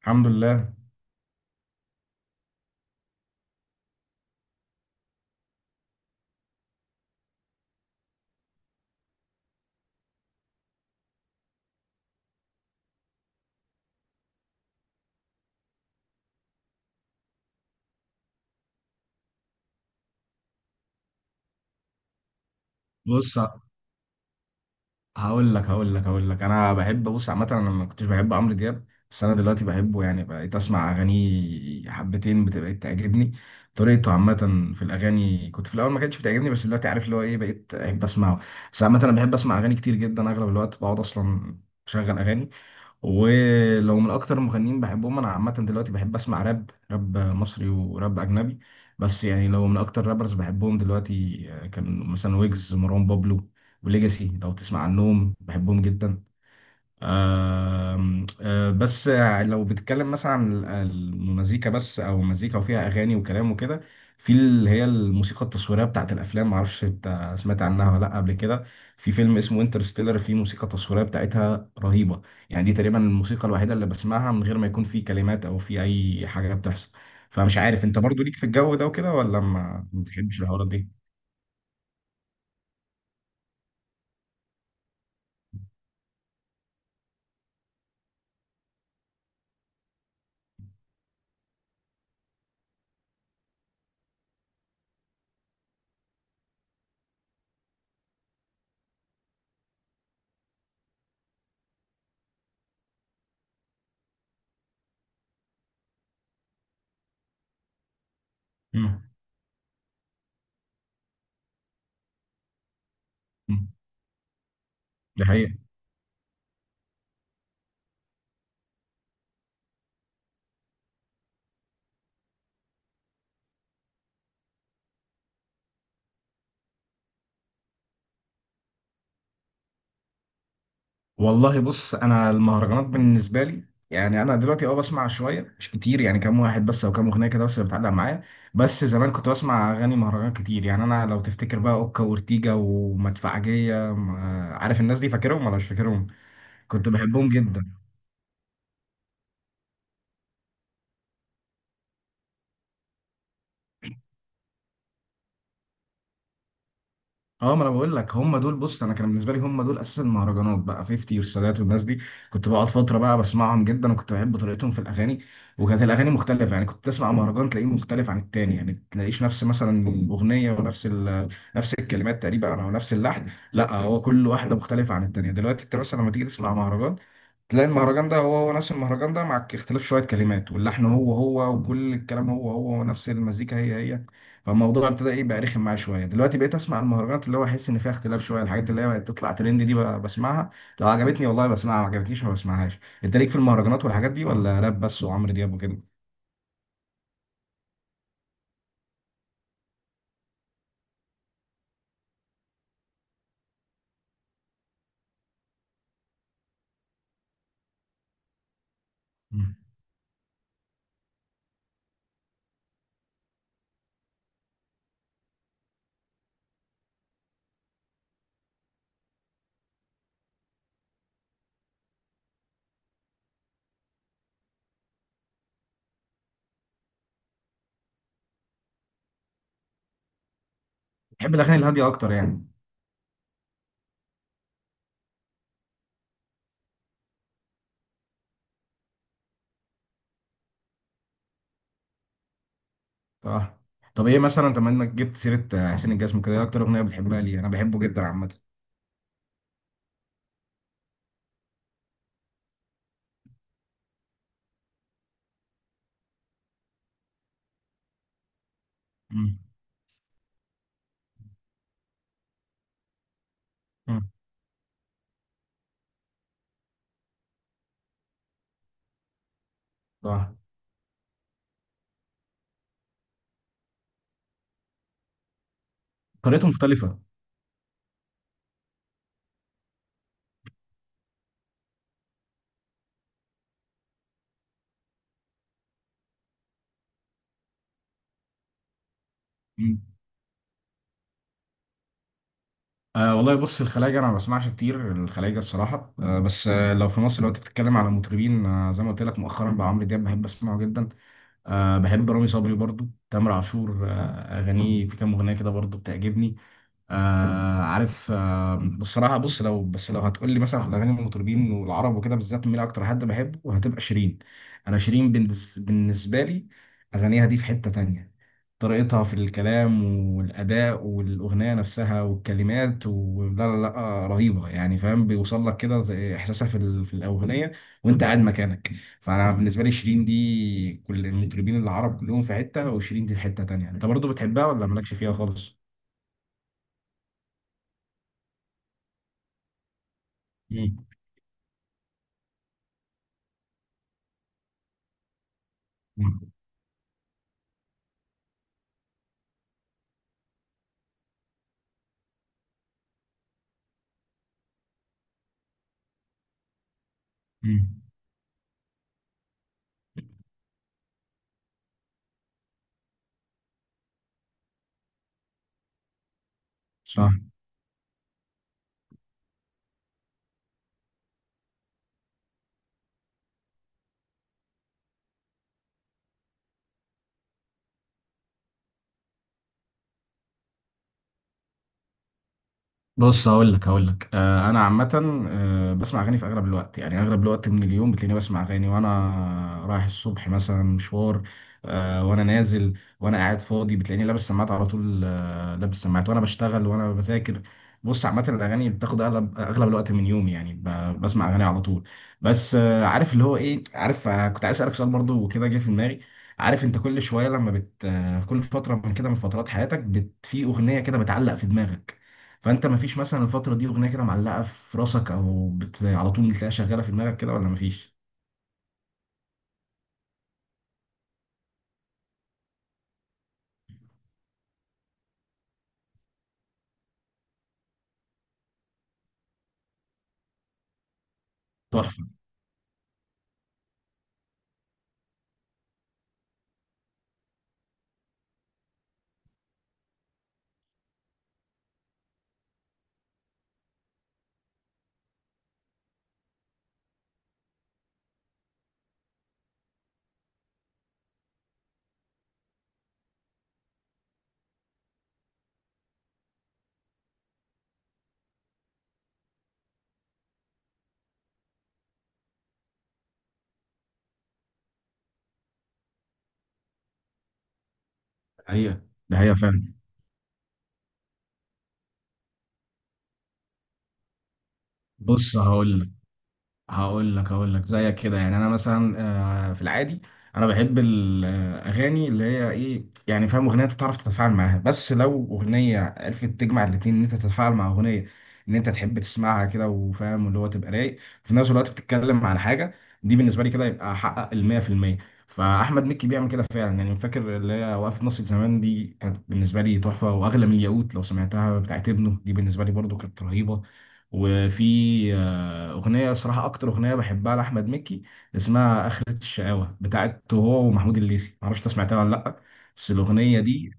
الحمد لله. بص، هقول لك، انا بحب. بص، عامه انا ما كنتش بحب عمرو دياب، بس انا دلوقتي بحبه، يعني بقيت اسمع اغانيه حبتين بتبقى تعجبني. طريقته عامه في الاغاني كنت في الاول ما كانتش بتعجبني، بس دلوقتي عارف اللي هو ايه، بقيت احب اسمعه. بس عامه انا بحب اسمع اغاني كتير جدا، اغلب الوقت بقعد اصلا اشغل اغاني. ولو من اكتر المغنيين بحبهم انا عامه، دلوقتي بحب اسمع راب، راب مصري وراب اجنبي. بس يعني لو من اكتر رابرز بحبهم دلوقتي كان مثلا ويجز، مروان بابلو، وليجاسي، لو تسمع عنهم، بحبهم جدا. آم، آه، بس لو بتتكلم مثلا عن المزيكا بس، او مزيكا وفيها اغاني وكلام وكده، في اللي هي الموسيقى التصويريه بتاعت الافلام. معرفش انت سمعت عنها ولا لا قبل كده. في فيلم اسمه انترستيلر، في موسيقى تصويريه بتاعتها رهيبه. يعني دي تقريبا الموسيقى الوحيده اللي بسمعها من غير ما يكون في كلمات او في اي حاجه بتحصل. فمش عارف انت برضو ليك في الجو ده وكده، ولا ما بتحبش الحوارات دي. مم. مم. ده حقيقة. والله بص، انا المهرجانات بالنسبه لي، يعني انا دلوقتي اه بسمع شويه مش كتير، يعني كام واحد بس او كام اغنيه كده بس اللي بتعلق معايا. بس زمان كنت بسمع اغاني مهرجان كتير، يعني انا لو تفتكر بقى اوكا وارتيجا ومدفعجيه، عارف الناس دي، فاكرهم ولا مش فاكرهم؟ كنت بحبهم جدا. اه، ما انا بقول لك هم دول. بص انا كان بالنسبه لي هم دول اساس المهرجانات بقى، 50 والسادات والناس دي. كنت بقعد فتره بقى بسمعهم جدا، وكنت بحب طريقتهم في الاغاني. وكانت الاغاني مختلفه، يعني كنت تسمع مهرجان تلاقيه مختلف عن التاني، يعني ما تلاقيش نفس مثلا الاغنيه ونفس نفس الكلمات تقريبا او نفس اللحن. لا، هو كل واحده مختلفه عن التانيه. دلوقتي انت مثلا لما تيجي تسمع مهرجان تلاقي المهرجان ده هو هو نفس المهرجان ده، مع اختلاف شوية كلمات، واللحن هو هو، وكل الكلام هو هو، ونفس المزيكا هي هي. فالموضوع ابتدى ايه بقى، رخم معايا شوية. دلوقتي بقيت اسمع المهرجانات اللي هو احس ان فيها اختلاف شوية، الحاجات اللي هي بقت تطلع ترند دي بسمعها. لو عجبتني والله بسمعها، ما عجبتنيش ما بسمعهاش. انت ليك في المهرجانات والحاجات دي ولا راب بس وعمرو دياب وكده؟ مم. بحب الاغاني الهادية اكتر يعني. اه. طب ايه مثلا، طب ما انك جبت سيرة حسين الجسمي كده، ايه اكتر اغنية بتحبها؟ ليه انا بحبه جدا عامة. مم. مم. اه. طريقته مختلفة. أه والله بص، الخلايجة أنا ما بسمعش كتير الخلايجة الصراحة، أه بس أه لو في مصر، لو أنت بتتكلم على مطربين أه، زي ما قلت لك مؤخرا بقى، عمرو دياب بحب أسمعه جدا. أه بحب رامي صبري برضو، تامر عاشور أه أغانيه في كام أغنية كده برضو بتعجبني. آه عارف. آه بصراحه بص، لو بس لو هتقول لي مثلا في الاغاني المطربين والعرب وكده بالذات مين اكتر حد بحبه، هتبقى شيرين. انا شيرين بالنسبه لي، اغانيها دي في حته تانية. طريقتها في الكلام والاداء والاغنيه نفسها والكلمات، ولا لا لا رهيبه يعني، فاهم بيوصل لك كده زي احساسها في الاغنيه وانت قاعد مكانك. فانا بالنسبه لي شيرين دي، كل المطربين العرب كلهم في حته، وشيرين دي في حته تانية. انت برضو بتحبها ولا مالكش فيها خالص؟ مم. مم. صح. بص هقول لك، انا عامه، بسمع اغاني في اغلب الوقت، يعني اغلب الوقت من اليوم بتلاقيني بسمع اغاني، وانا رايح الصبح مثلا مشوار، وانا نازل، وانا قاعد فاضي بتلاقيني لابس سماعات على طول. لابس سماعات وانا بشتغل وانا بذاكر. بص عامه الاغاني بتاخد اغلب اغلب الوقت من يومي، يعني بسمع اغاني على طول. بس عارف اللي هو ايه، عارف كنت عايز اسالك سؤال برضو وكده جه في دماغي. عارف انت كل شويه لما بت آه، كل فتره من كده، من فترات حياتك في اغنيه كده بتعلق في دماغك. فانت مفيش مثلا الفتره دي اغنيه كده معلقه في راسك، او على طول بتلاقيها شغاله في دماغك كده، ولا مفيش؟ لا تحفه. هي ده هي فعلا. بص هقول لك زيك كده يعني، انا مثلا في العادي انا بحب الاغاني اللي هي ايه، يعني فاهم اغنيه انت تعرف تتفاعل معاها، بس لو اغنيه عرفت تجمع الاتنين، ان انت تتفاعل مع اغنيه، ان انت تحب تسمعها كده وفاهم اللي هو تبقى رايق في نفس الوقت بتتكلم عن حاجه، دي بالنسبه لي كده يبقى حقق ال 100%. فاحمد مكي بيعمل كده فعلا يعني، فاكر اللي هي وقفه نص زمان دي كانت بالنسبه لي تحفه واغلى من الياقوت. لو سمعتها بتاعت ابنه دي بالنسبه لي برضو كانت رهيبه. وفي أغنية صراحة أكتر أغنية بحبها لأحمد مكي اسمها آخرة الشقاوة بتاعته هو ومحمود الليثي، معرفش أنت سمعتها ولا لأ. بس الأغنية دي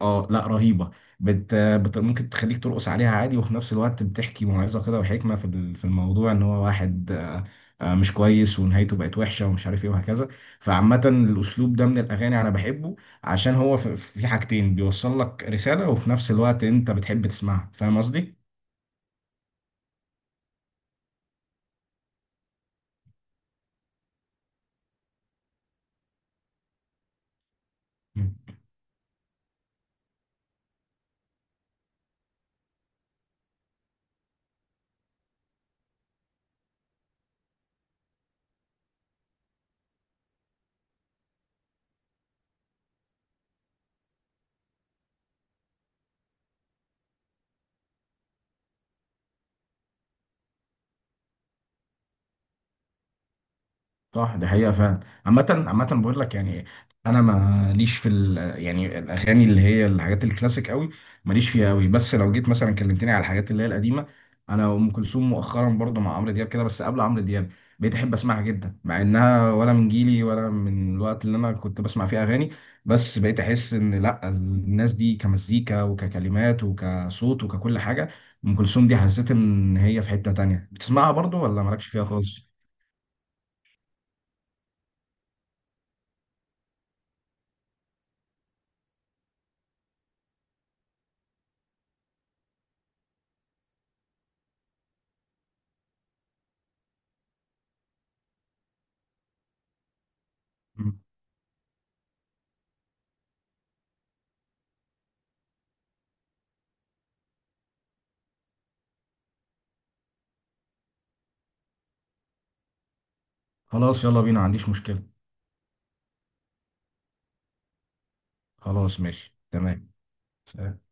آه لأ رهيبة. ممكن تخليك ترقص عليها عادي، وفي نفس الوقت بتحكي موعظة كده وحكمة في الموضوع، إن هو واحد مش كويس ونهايته بقت وحشة ومش عارف إيه وهكذا. فعامة الأسلوب ده من الأغاني أنا بحبه، عشان هو في حاجتين، بيوصل لك رسالة وفي نفس الوقت أنت بتحب تسمعها. فاهم قصدي؟ صح دي حقيقة فعلا. عامة عامة بقول لك يعني، أنا ماليش في ال، يعني الأغاني اللي هي الحاجات الكلاسيك قوي ماليش فيها قوي. بس لو جيت مثلا كلمتني على الحاجات اللي هي القديمة، أنا أم كلثوم مؤخرا برضه مع عمرو دياب كده، بس قبل عمرو دياب بقيت أحب أسمعها جدا، مع إنها ولا من جيلي ولا من الوقت اللي أنا كنت بسمع فيه أغاني. بس بقيت أحس إن لأ، الناس دي كمزيكا وككلمات وكصوت وككل حاجة أم كلثوم دي، حسيت إن هي في حتة تانية. بتسمعها برضه ولا مالكش فيها خالص؟ خلاص يلا بينا، ما عنديش مشكلة. خلاص ماشي تمام. سلام.